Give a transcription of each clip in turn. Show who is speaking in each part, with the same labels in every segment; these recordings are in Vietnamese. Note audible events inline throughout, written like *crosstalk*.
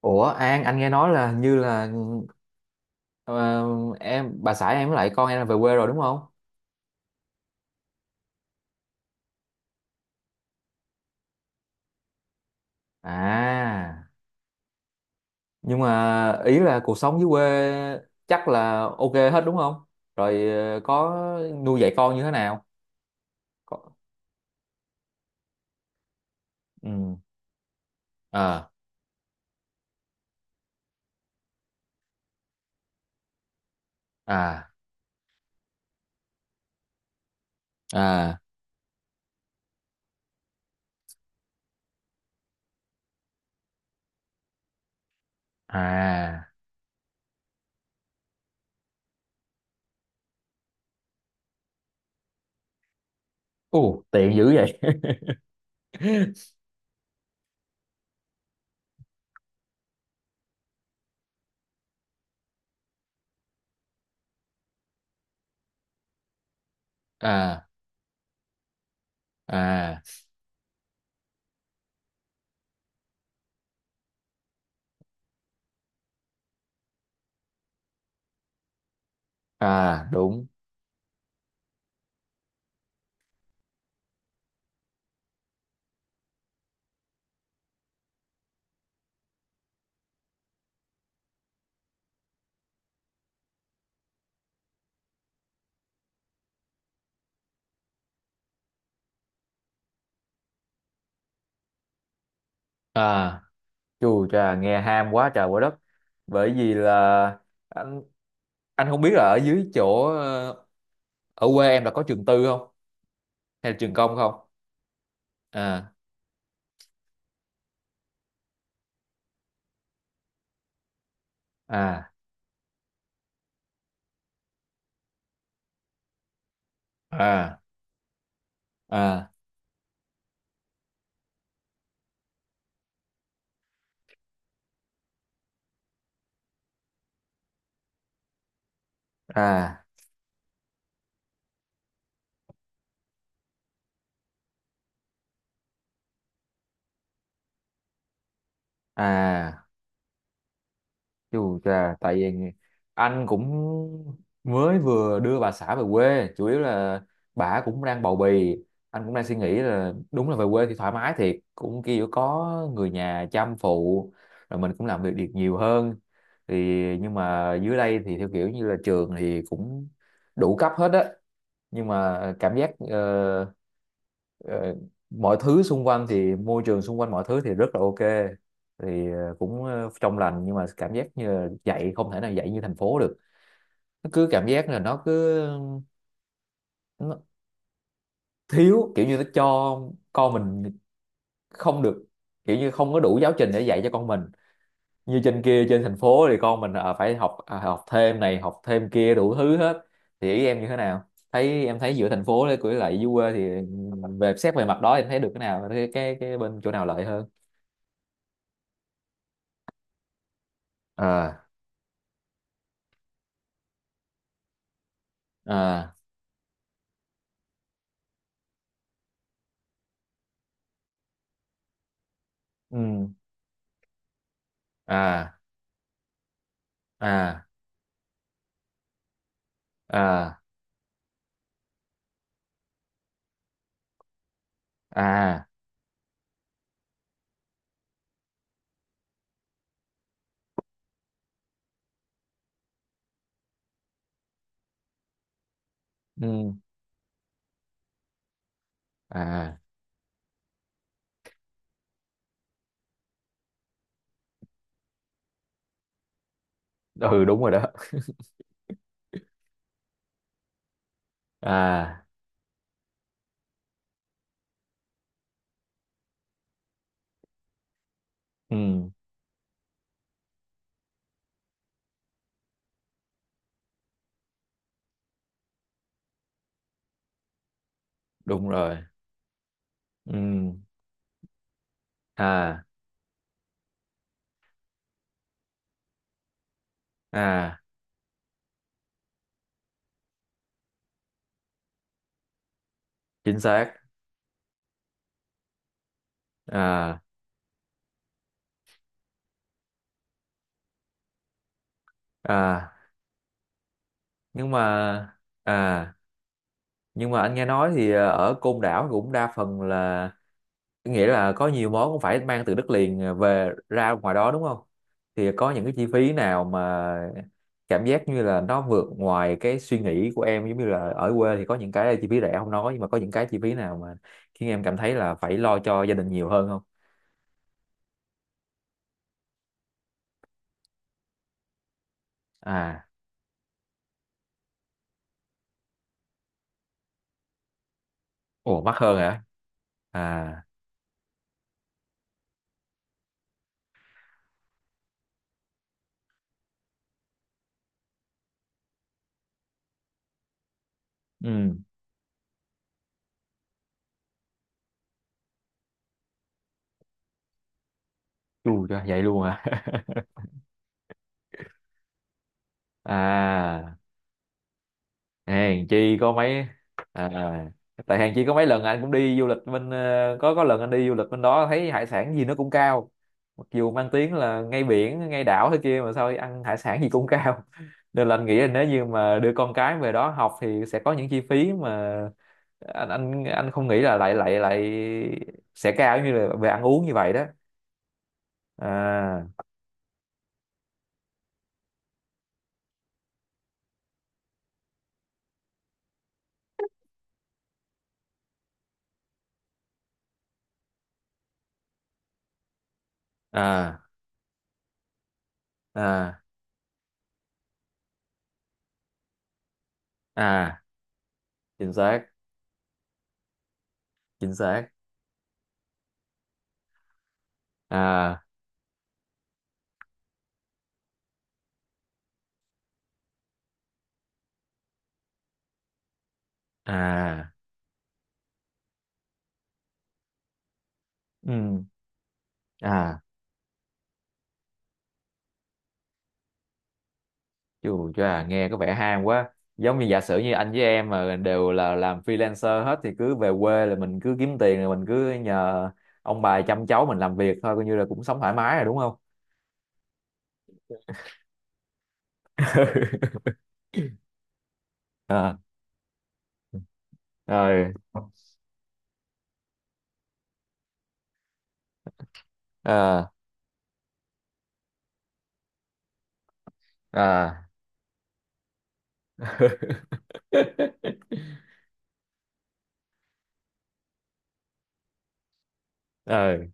Speaker 1: Ủa An, anh nghe nói là như là ờ, bà xã em với lại con em là về quê rồi đúng không? À, nhưng mà ý là cuộc sống dưới quê chắc là ok hết đúng không? Rồi có nuôi dạy con như thế nào? Có. Ừ. À, à, à, à. Ồ, tiện dữ vậy. *laughs* À, à, à, đúng. À. Chù chà, nghe ham quá trời quá đất. Bởi vì là anh anh không biết là ở dưới chỗ ờ, ở quê em là có trường tư không hay là trường công không? À, à, à, à, à, à. Chù chà, tại vì anh cũng mới vừa đưa bà xã về quê, chủ yếu là bà cũng đang bầu bì, anh cũng đang suy nghĩ là đúng là về quê thì thoải mái thiệt, cũng kiểu có người nhà chăm phụ, rồi mình cũng làm việc được nhiều hơn. Thì nhưng mà dưới đây thì theo kiểu như là trường thì cũng đủ cấp hết á, nhưng mà cảm giác ờ, mọi thứ xung quanh thì môi trường xung quanh mọi thứ thì rất là ok, thì cũng trong lành, nhưng mà cảm giác như là dạy không thể nào dạy như thành phố được, nó cứ cảm giác là nó thiếu, kiểu như nó cho con mình không được, kiểu như không có đủ giáo trình để dạy cho con mình như trên kia trên thành phố thì con mình phải học, học thêm này học thêm kia đủ thứ hết. Thì ý em như thế nào, thấy em thấy giữa thành phố với lại dưới quê thì về xét về mặt đó em thấy được cái nào, cái bên chỗ nào lợi hơn? À, à, ừ, à, à, à, à, ừ, à, ừ, đúng rồi đó. À, ừ, đúng rồi. Ừ, à, à, chính xác. À, à. Nhưng mà à nhưng mà anh nghe nói thì ở Côn Đảo cũng đa phần là, nghĩa là có nhiều món cũng phải mang từ đất liền, về ra ngoài đó đúng không? Thì có những cái chi phí nào mà cảm giác như là nó vượt ngoài cái suy nghĩ của em, giống như là ở quê thì có những cái chi phí rẻ không nói, nhưng mà có những cái chi phí nào mà khiến em cảm thấy là phải lo cho gia đình nhiều hơn không? À. Ủa, mắc hơn hả? À. Ừ. Chù cho vậy luôn hả? *laughs* À. Hèn chi có mấy à, Tại hèn chi có mấy lần anh cũng đi du lịch bên có lần anh đi du lịch bên đó thấy hải sản gì nó cũng cao, mặc dù mang tiếng là ngay biển ngay đảo thế kia mà sao ăn hải sản gì cũng cao. *laughs* Nên là anh nghĩ là nếu như mà đưa con cái về đó học thì sẽ có những chi phí mà anh không nghĩ là lại lại lại sẽ cao như là về ăn uống như vậy đó. À, à, à, à, chính xác. Chính xác. À, à, ừ, à. Chù chà, nghe có vẻ ham quá. Giống như giả sử như anh với em mà đều là làm freelancer hết thì cứ về quê là mình cứ kiếm tiền, rồi mình cứ nhờ ông bà chăm cháu, mình làm việc thôi, coi như là cũng sống thoải mái rồi đúng không? *laughs* À, rồi. À, à. *laughs* Ừ,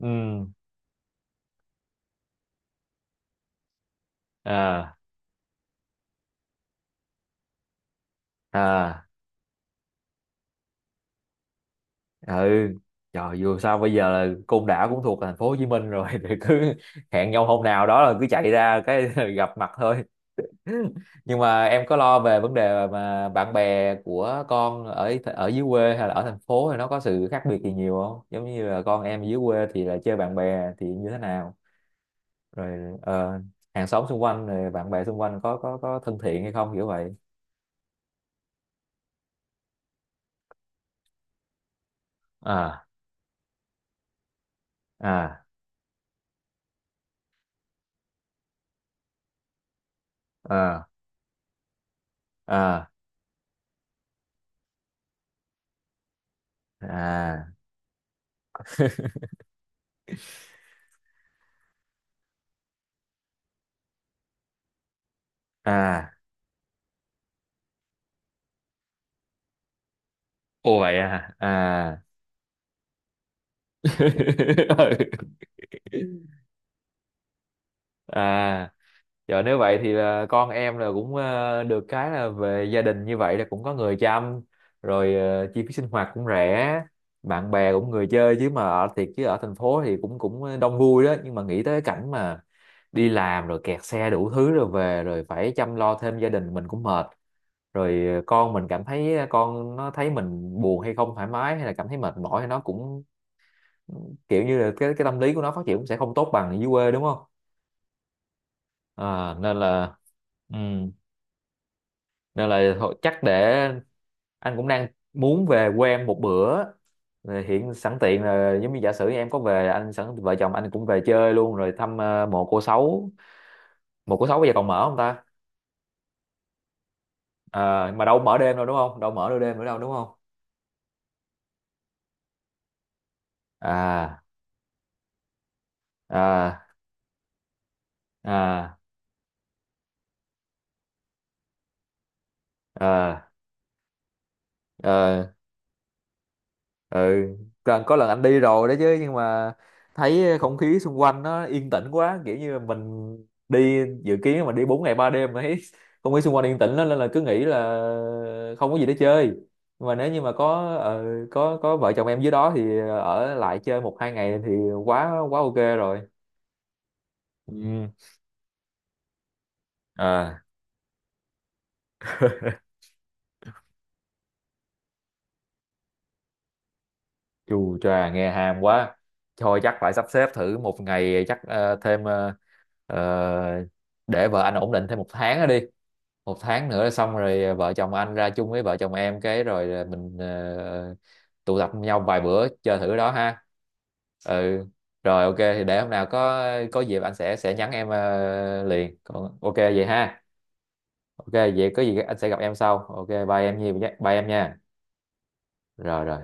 Speaker 1: ừ, à, à. *laughs* Ừ. Trời, dù sao bây giờ là Côn Đảo cũng thuộc thành phố Hồ Chí Minh rồi. *laughs* Thì cứ hẹn nhau hôm nào đó là cứ chạy ra cái *laughs* gặp mặt thôi. Nhưng mà em có lo về vấn đề mà bạn bè của con ở ở dưới quê hay là ở thành phố thì nó có sự khác biệt gì nhiều không? Giống như là con em dưới quê thì là chơi bạn bè thì như thế nào? Rồi hàng xóm xung quanh, rồi bạn bè xung quanh có thân thiện hay không, kiểu vậy? À, à, à, à, à, à. Ồ, vậy à? À. *laughs* Ừ. À. Giờ nếu vậy thì là con em là cũng được cái là về gia đình như vậy là cũng có người chăm, rồi chi phí sinh hoạt cũng rẻ, bạn bè cũng người chơi chứ. Mà ở thiệt chứ, ở thành phố thì cũng cũng đông vui đó, nhưng mà nghĩ tới cảnh mà đi làm rồi kẹt xe đủ thứ rồi về rồi phải chăm lo thêm gia đình mình cũng mệt, rồi con mình cảm thấy, con nó thấy mình buồn hay không thoải mái hay là cảm thấy mệt mỏi thì nó cũng kiểu như là cái tâm lý của nó phát triển cũng sẽ không tốt bằng ở dưới quê đúng không? À, nên là, ừ, nên là thôi, chắc để anh cũng đang muốn về quê em một bữa. Rồi hiện sẵn tiện là, giống như giả sử em có về, anh sẵn vợ chồng anh cũng về chơi luôn rồi thăm mộ cô Sáu. Mộ cô Sáu bây giờ còn mở không ta? À, mà đâu mở đêm đâu đúng không? Đâu mở đâu đêm nữa đâu đúng không? À, à, à, à, à. Ừ. Có lần anh đi rồi đấy chứ, nhưng mà thấy không khí xung quanh nó yên tĩnh quá, kiểu như mình đi dự kiến mà đi 4 ngày 3 đêm mà thấy *laughs* không khí xung quanh yên tĩnh lắm, nên là cứ nghĩ là không có gì để chơi. Nhưng mà nếu như mà có có vợ chồng em dưới đó thì ở lại chơi một hai ngày thì quá quá ok rồi. Ừ. À. *laughs* Chù chà, nghe ham quá. Thôi chắc phải sắp xếp thử một ngày, chắc ờ, để vợ anh ổn định thêm một tháng nữa đi, một tháng nữa là xong rồi. Ờ, vợ chồng anh ra chung với vợ chồng em cái rồi là mình tụ tập nhau vài bữa chơi thử đó ha. Ừ. Rồi ok thì để hôm nào có dịp anh sẽ nhắn em liền, còn ok vậy ha? Ok vậy có gì anh sẽ gặp em sau. Ok, bye em Nhi, bye em nha. Rồi, rồi.